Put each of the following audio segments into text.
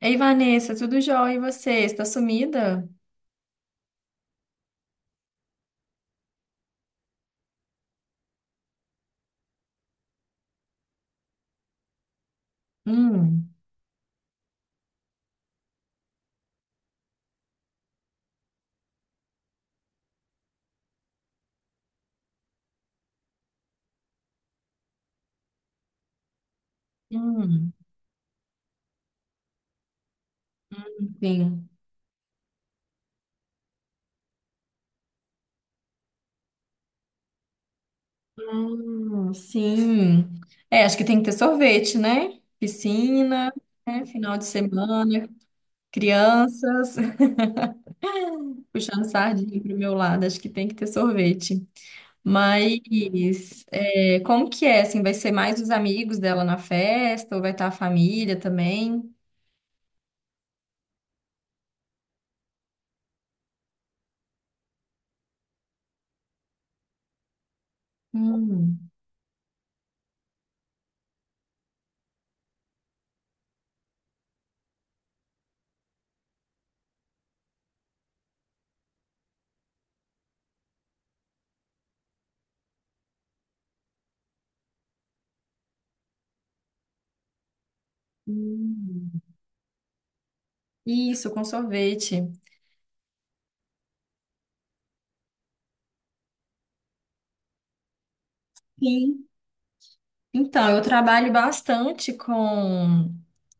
Ei, Vanessa, tudo jóia? E você? Está sumida? Hum, hum, sim. Sim. É, acho que tem que ter sorvete, né? Piscina, né? Final de semana, crianças, puxando sardinha pro meu lado, acho que tem que ter sorvete. Mas é, como que é? Assim, vai ser mais os amigos dela na festa ou vai estar a família também? Hum, hum. Isso, com sorvete. Sim. Então, eu trabalho bastante com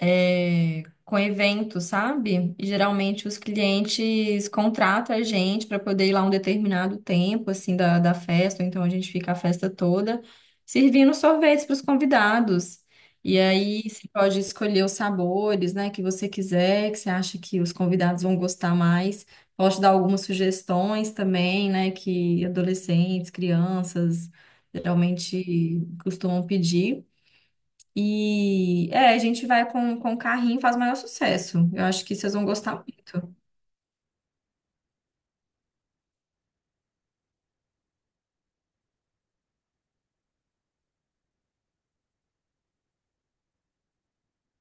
é, com eventos, sabe? E, geralmente os clientes contratam a gente para poder ir lá um determinado tempo, assim, da festa, ou então a gente fica a festa toda servindo sorvetes para os convidados. E aí você pode escolher os sabores, né, que você quiser, que você acha que os convidados vão gostar mais. Posso dar algumas sugestões também, né, que adolescentes, crianças geralmente costumam pedir. E é, a gente vai com o carrinho e faz o maior sucesso. Eu acho que vocês vão gostar muito.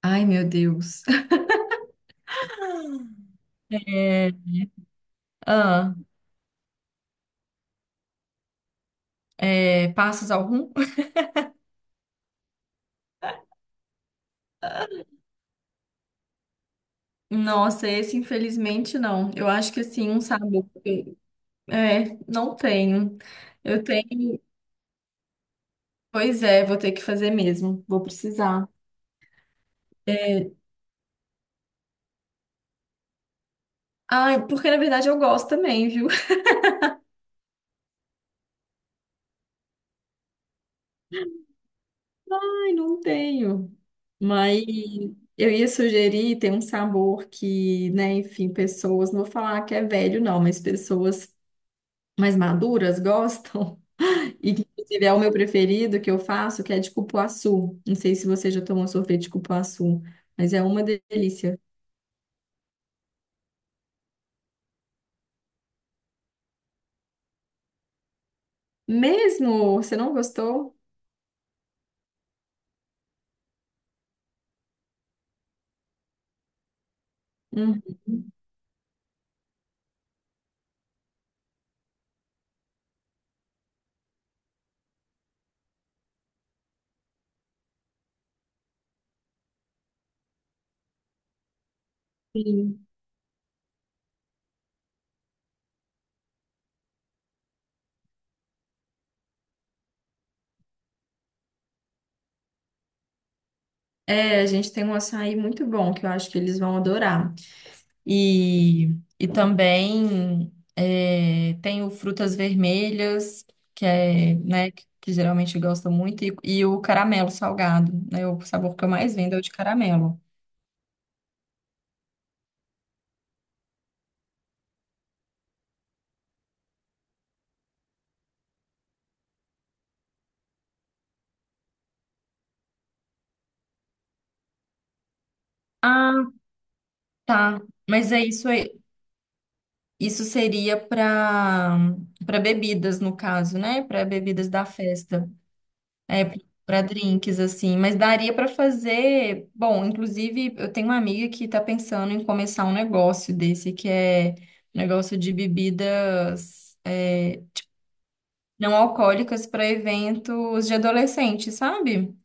Ai, meu Deus. É, ah, passas algum? Nossa, esse infelizmente não. Eu acho que assim, um sabor. É, não tenho. Eu tenho. Pois é, vou ter que fazer mesmo. Vou precisar. É... Ai, porque na verdade eu gosto também, viu? Ai, não tenho. Mas eu ia sugerir tem um sabor que, né, enfim, pessoas, não vou falar que é velho, não, mas pessoas mais maduras gostam. E que, inclusive, é o meu preferido que eu faço, que é de cupuaçu. Não sei se você já tomou sorvete de cupuaçu, mas é uma delícia. Mesmo? Você não gostou? Uhum. Sim. É, a gente tem um açaí muito bom que eu acho que eles vão adorar. E, e também é, tenho frutas vermelhas, que é, né, que geralmente eu gosto muito, e o caramelo salgado, né? O sabor que eu mais vendo é o de caramelo. Ah, tá. Mas é isso aí. Isso seria para bebidas, no caso, né? Para bebidas da festa. É, para drinks, assim. Mas daria para fazer. Bom, inclusive, eu tenho uma amiga que tá pensando em começar um negócio desse, que é um negócio de bebidas é, não alcoólicas para eventos de adolescente, sabe?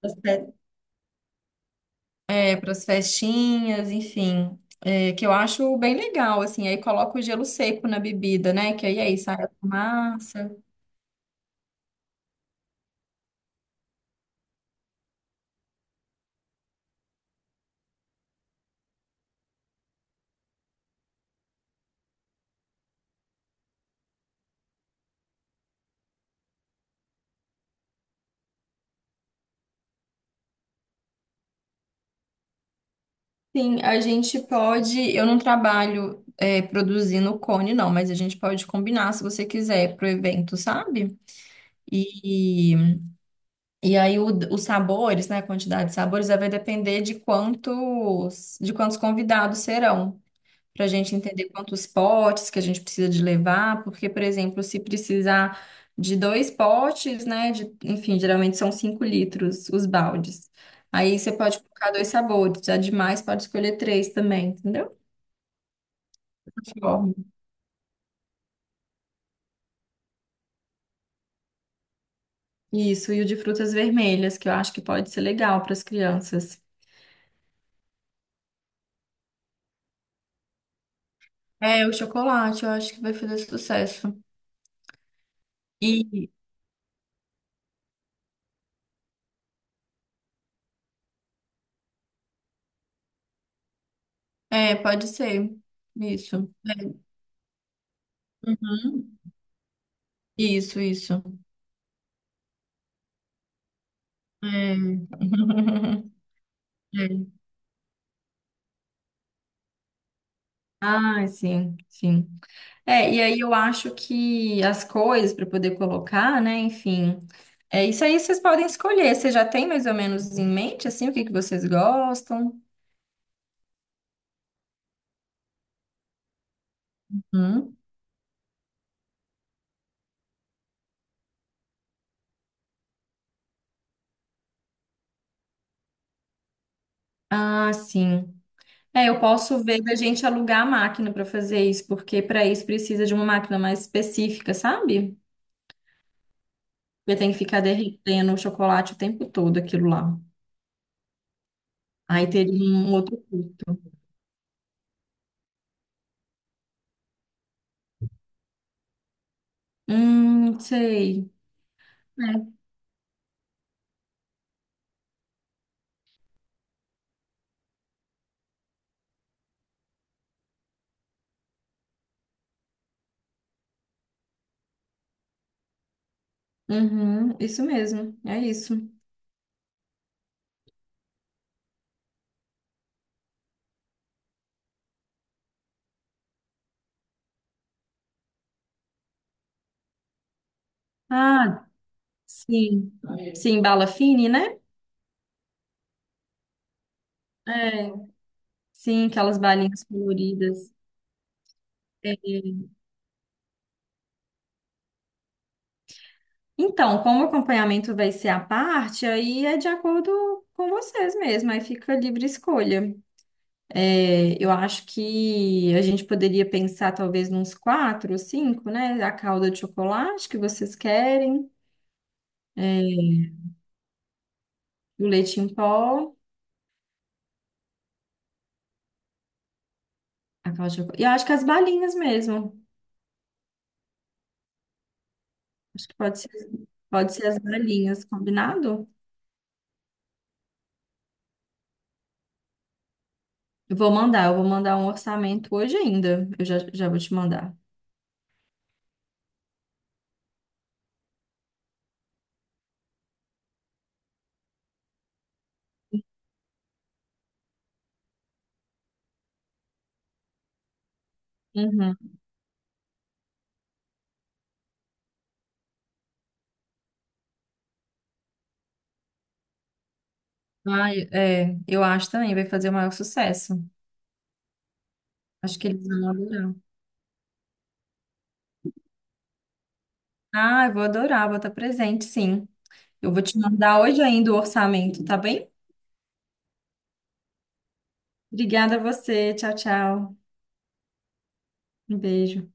Pras fe- É para as festinhas, enfim. É, que eu acho bem legal, assim. Aí coloca o gelo seco na bebida, né? Que aí, aí sai a fumaça. Sim, a gente pode. Eu não trabalho é, produzindo cone, não, mas a gente pode combinar se você quiser pro evento, sabe? E, e aí o- os sabores, né? A quantidade de sabores vai depender de quantos convidados serão, para a gente entender quantos potes que a gente precisa de levar, porque, por exemplo, se precisar de dois potes, né? De, enfim, geralmente são cinco litros os baldes. Aí você pode colocar dois sabores, já demais pode escolher três também, entendeu? Bom. Isso, e o de frutas vermelhas, que eu acho que pode ser legal para as crianças. É, o chocolate, eu acho que vai fazer sucesso. E É, pode ser. Isso. Uhum. Isso, isso. É. É. Ah, sim, sim. É, e aí eu acho que as cores para poder colocar, né? Enfim, é isso aí vocês podem escolher. Você já tem mais ou menos em mente assim o que que vocês gostam? Uhum. Ah, sim. É, eu posso ver da gente alugar a máquina para fazer isso, porque para isso precisa de uma máquina mais específica, sabe? Porque tem que ficar derretendo o chocolate o tempo todo, aquilo lá. Aí teria um outro custo. Sei. É. Uhum, isso mesmo, é isso. Ah, sim. Sim, bala fine, né? É, sim, aquelas balinhas coloridas. É. Então, como o acompanhamento vai ser à parte, aí é de acordo com vocês mesmo, aí fica livre escolha. É, eu acho que a gente poderia pensar talvez nos quatro ou cinco, né? A calda de chocolate que vocês querem, o leite em pó, a calda de chocolate. E eu acho que as balinhas mesmo. Acho que pode ser as balinhas, combinado? Eu vou mandar um orçamento hoje ainda. Eu já, já vou te mandar. Uhum. Ai, é, eu acho também, vai fazer o maior sucesso. Acho que eles vão adorar. Ah, eu vou adorar, vou estar presente, sim. Eu vou te mandar hoje ainda o orçamento, tá bem? Obrigada a você. Tchau, tchau. Um beijo.